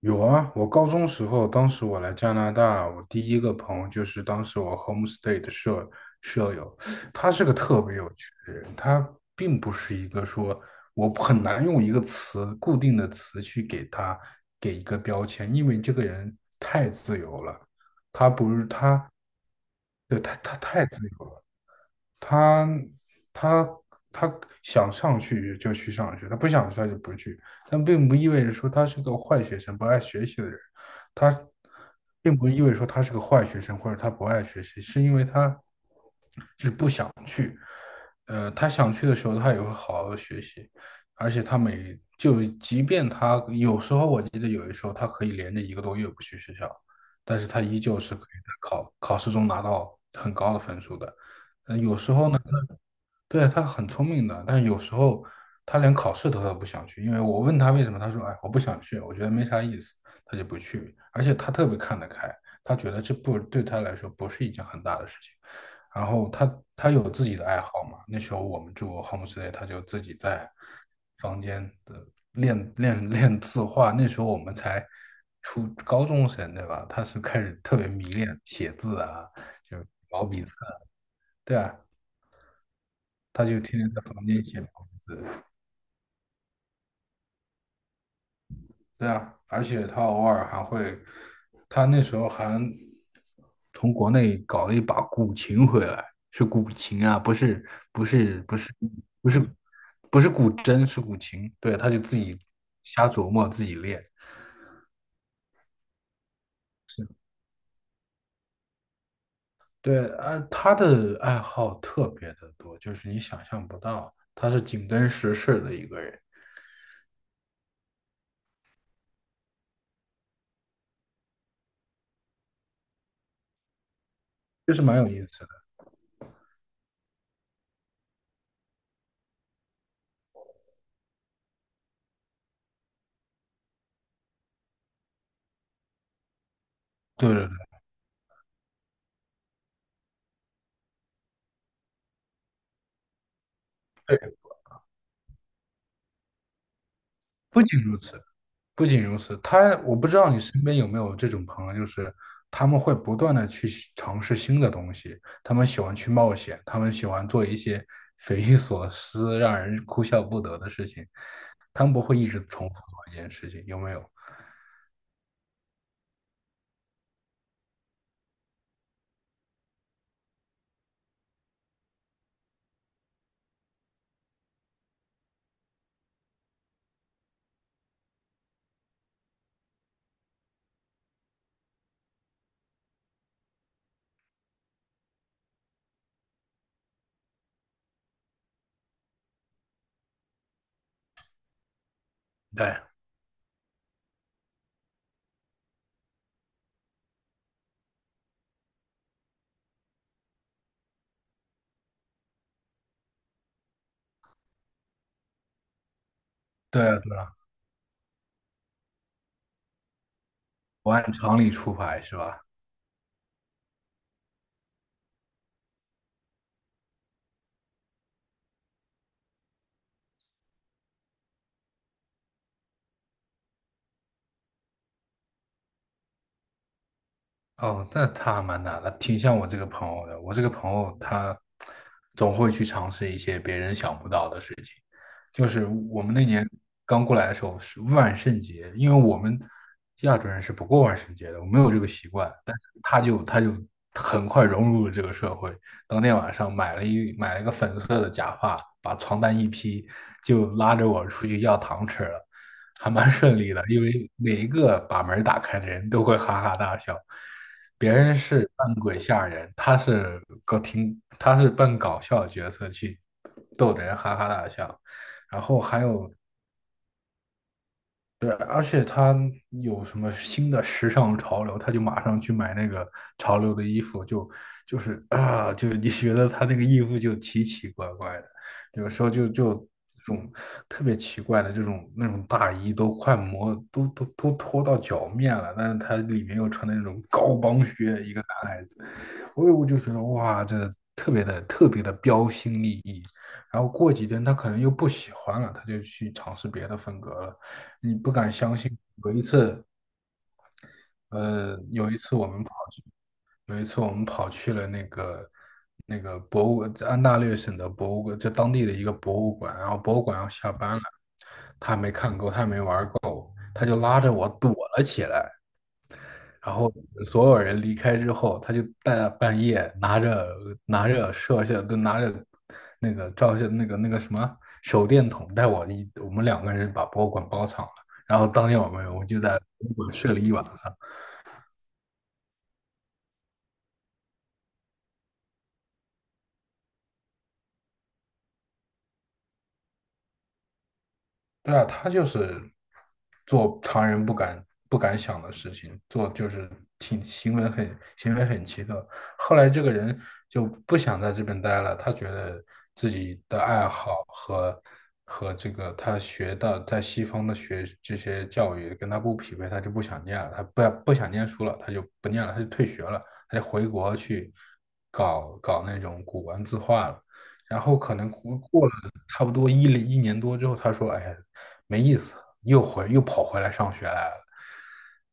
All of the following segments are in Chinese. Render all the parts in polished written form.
有啊。我高中时候，当时我来加拿大，我第一个朋友就是当时我 homestay 的舍友，他是个特别有趣的人。他并不是一个说，我很难用一个固定的词去给一个标签，因为这个人太自由了。他不是他，对，他太自由了。他他他想上去就去上学，他不想上就不去，但并不意味着说他是个坏学生、不爱学习的人。他并不意味着说他是个坏学生或者他不爱学习，是因为他他想去的时候他也会好好学习。而且他每就即便他有时候，我记得有的时候他可以连着一个多月不去学校，但是他依旧是可以在考试中拿到很高的分数的。嗯，有时候呢。对，他很聪明的，但是有时候他连考试他都不想去。因为我问他为什么，他说：“哎，我不想去，我觉得没啥意思。”他就不去，而且他特别看得开，他觉得这不对他来说不是一件很大的事情。然后他有自己的爱好嘛。那时候我们住 homestay，他就自己在房间的练字画。那时候我们才初高中生，对吧？他是开始特别迷恋写字啊，就是毛笔字。对啊。他就天天在房间写房子。对啊，而且他偶尔还会，他那时候还从国内搞了一把古琴回来。是古琴啊，不是，不是不是，不是不是古筝，是古琴。对，他就自己瞎琢磨，自己练。是。对，啊，他的爱好特别的多，就是你想象不到，他是紧跟时事的一个人，就是蛮有意思的。对对对，对，不仅如此，不仅如此。他，我不知道你身边有没有这种朋友，就是他们会不断的去尝试新的东西，他们喜欢去冒险，他们喜欢做一些匪夷所思、让人哭笑不得的事情，他们不会一直重复做一件事情，有没有？对，对啊，对啊，我按常理出牌是吧？哦，那他还蛮难的，挺像我这个朋友的。我这个朋友他总会去尝试一些别人想不到的事情。就是我们那年刚过来的时候是万圣节，因为我们亚洲人是不过万圣节的，我没有这个习惯。但是他就很快融入了这个社会。当天晚上买了一个粉色的假发，把床单一披，就拉着我出去要糖吃了，还蛮顺利的。因为每一个把门打开的人都会哈哈大笑。别人是扮鬼吓人，他是扮搞笑的角色去逗得人哈哈大笑。然后还有，对，而且他有什么新的时尚潮流，他就马上去买那个潮流的衣服，就是啊，就你觉得他那个衣服就奇奇怪怪的，有时候就这种特别奇怪的这种那种大衣都快磨都脱到脚面了，但是他里面又穿的那种高帮靴，一个。所以我就觉得哇，这特别的特别的标新立异。然后过几天他可能又不喜欢了，他就去尝试别的风格了。你不敢相信，有一次，呃，有一次我们跑，有一次我们跑去了那个那个博物，安大略省的博物馆，就当地的一个博物馆。然后博物馆要下班了，他就拉着我躲了起来。然后所有人离开之后，他就大半夜拿着摄像，就拿着那个照相那个那个什么手电筒，带我们两个人把博物馆包场了。然后当天晚上我就在博物馆睡了一晚上。对啊，他就是做常人不敢想的事情，做就是挺行为很行为很奇特。后来这个人就不想在这边待了。他觉得自己的爱好和这个他学的在西方的学这些教育跟他不匹配，他就不想念了，他不想念书了，他就不念了，他就退学了，他就回国去搞那种古玩字画了。然后可能过了差不多一年多之后，他说：“哎呀，没意思。”又又跑回来上学来了。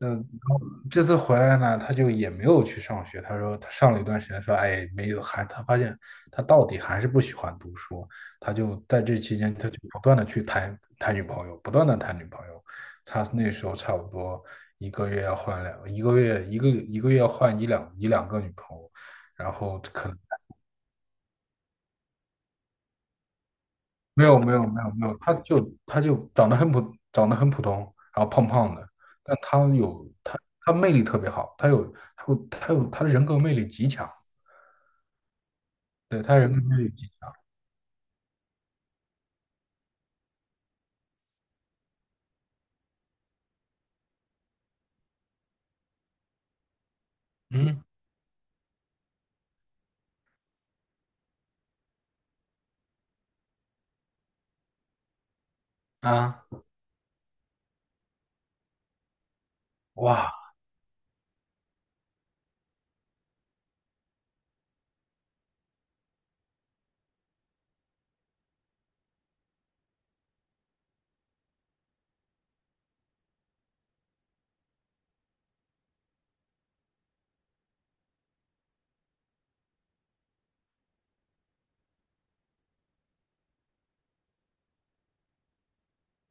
嗯，然后这次回来呢，他就也没有去上学。他说他上了一段时间，说哎，没有，他发现他到底还是不喜欢读书。他就在这期间，他就不断的去谈女朋友，不断的谈女朋友。他那时候差不多一个月要换一两个女朋友，然后可能没有没有没有没有，他就长得很普通，然后胖胖的，但他有他魅力特别好，他有他的人格魅力极强。对，他人格魅力极强。嗯，啊，哇，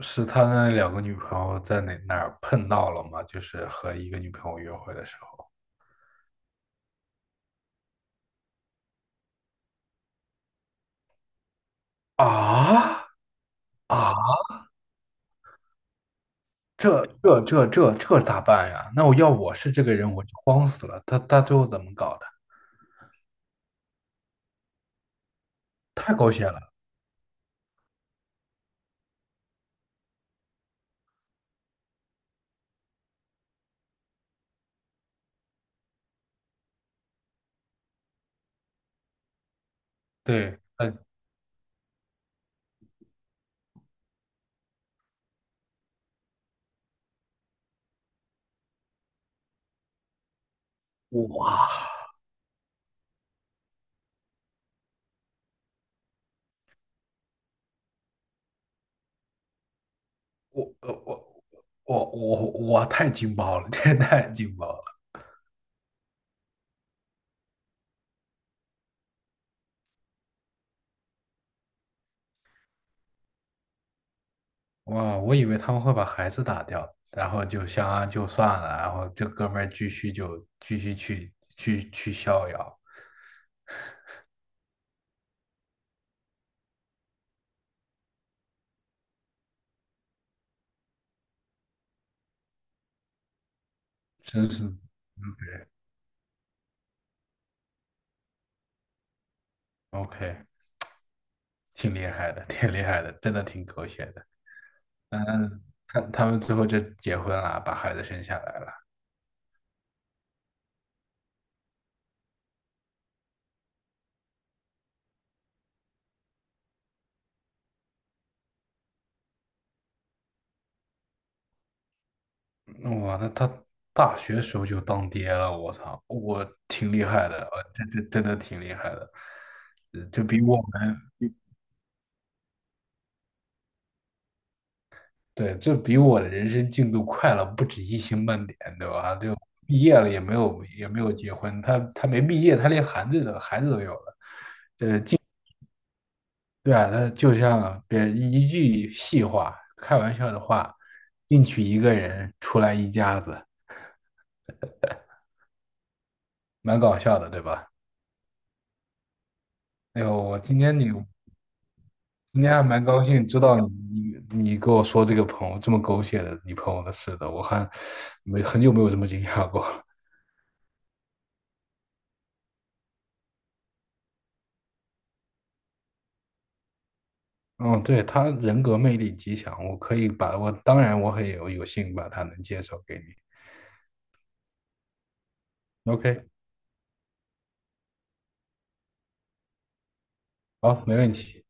是他那两个女朋友在哪儿碰到了吗？就是和一个女朋友约会的时候啊？啊，这咋办呀？那我是这个人，我就慌死了。他最后怎么搞的？太狗血了。对，嗯，哇。我呃我我我太劲爆了，这太劲爆了！哇，我以为他们会把孩子打掉，然后就相安就算了，然后这哥们儿继续去逍遥，真是。 OK，挺厉害的，挺厉害的，真的挺狗血的。嗯，他们最后就结婚了，把孩子生下来了。哇，那他大学时候就当爹了。我操，我挺厉害的，这真的挺厉害的，就比我。对，这比我的人生进度快了不止一星半点，对吧？就毕业了也没有结婚，他没毕业，他连孩子都有了。对啊，他就像别一句戏话，开玩笑的话，进去一个人，出来一家子，蛮搞笑的，对吧？哎呦，我今天你今天还蛮高兴，知道你跟我说这个朋友这么狗血的你朋友的事的，我还没很久没有这么惊讶过。嗯，对，他人格魅力极强。我可以把我，当然我很有幸把他能介绍给你。OK，好，没问题。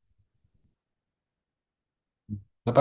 拜拜。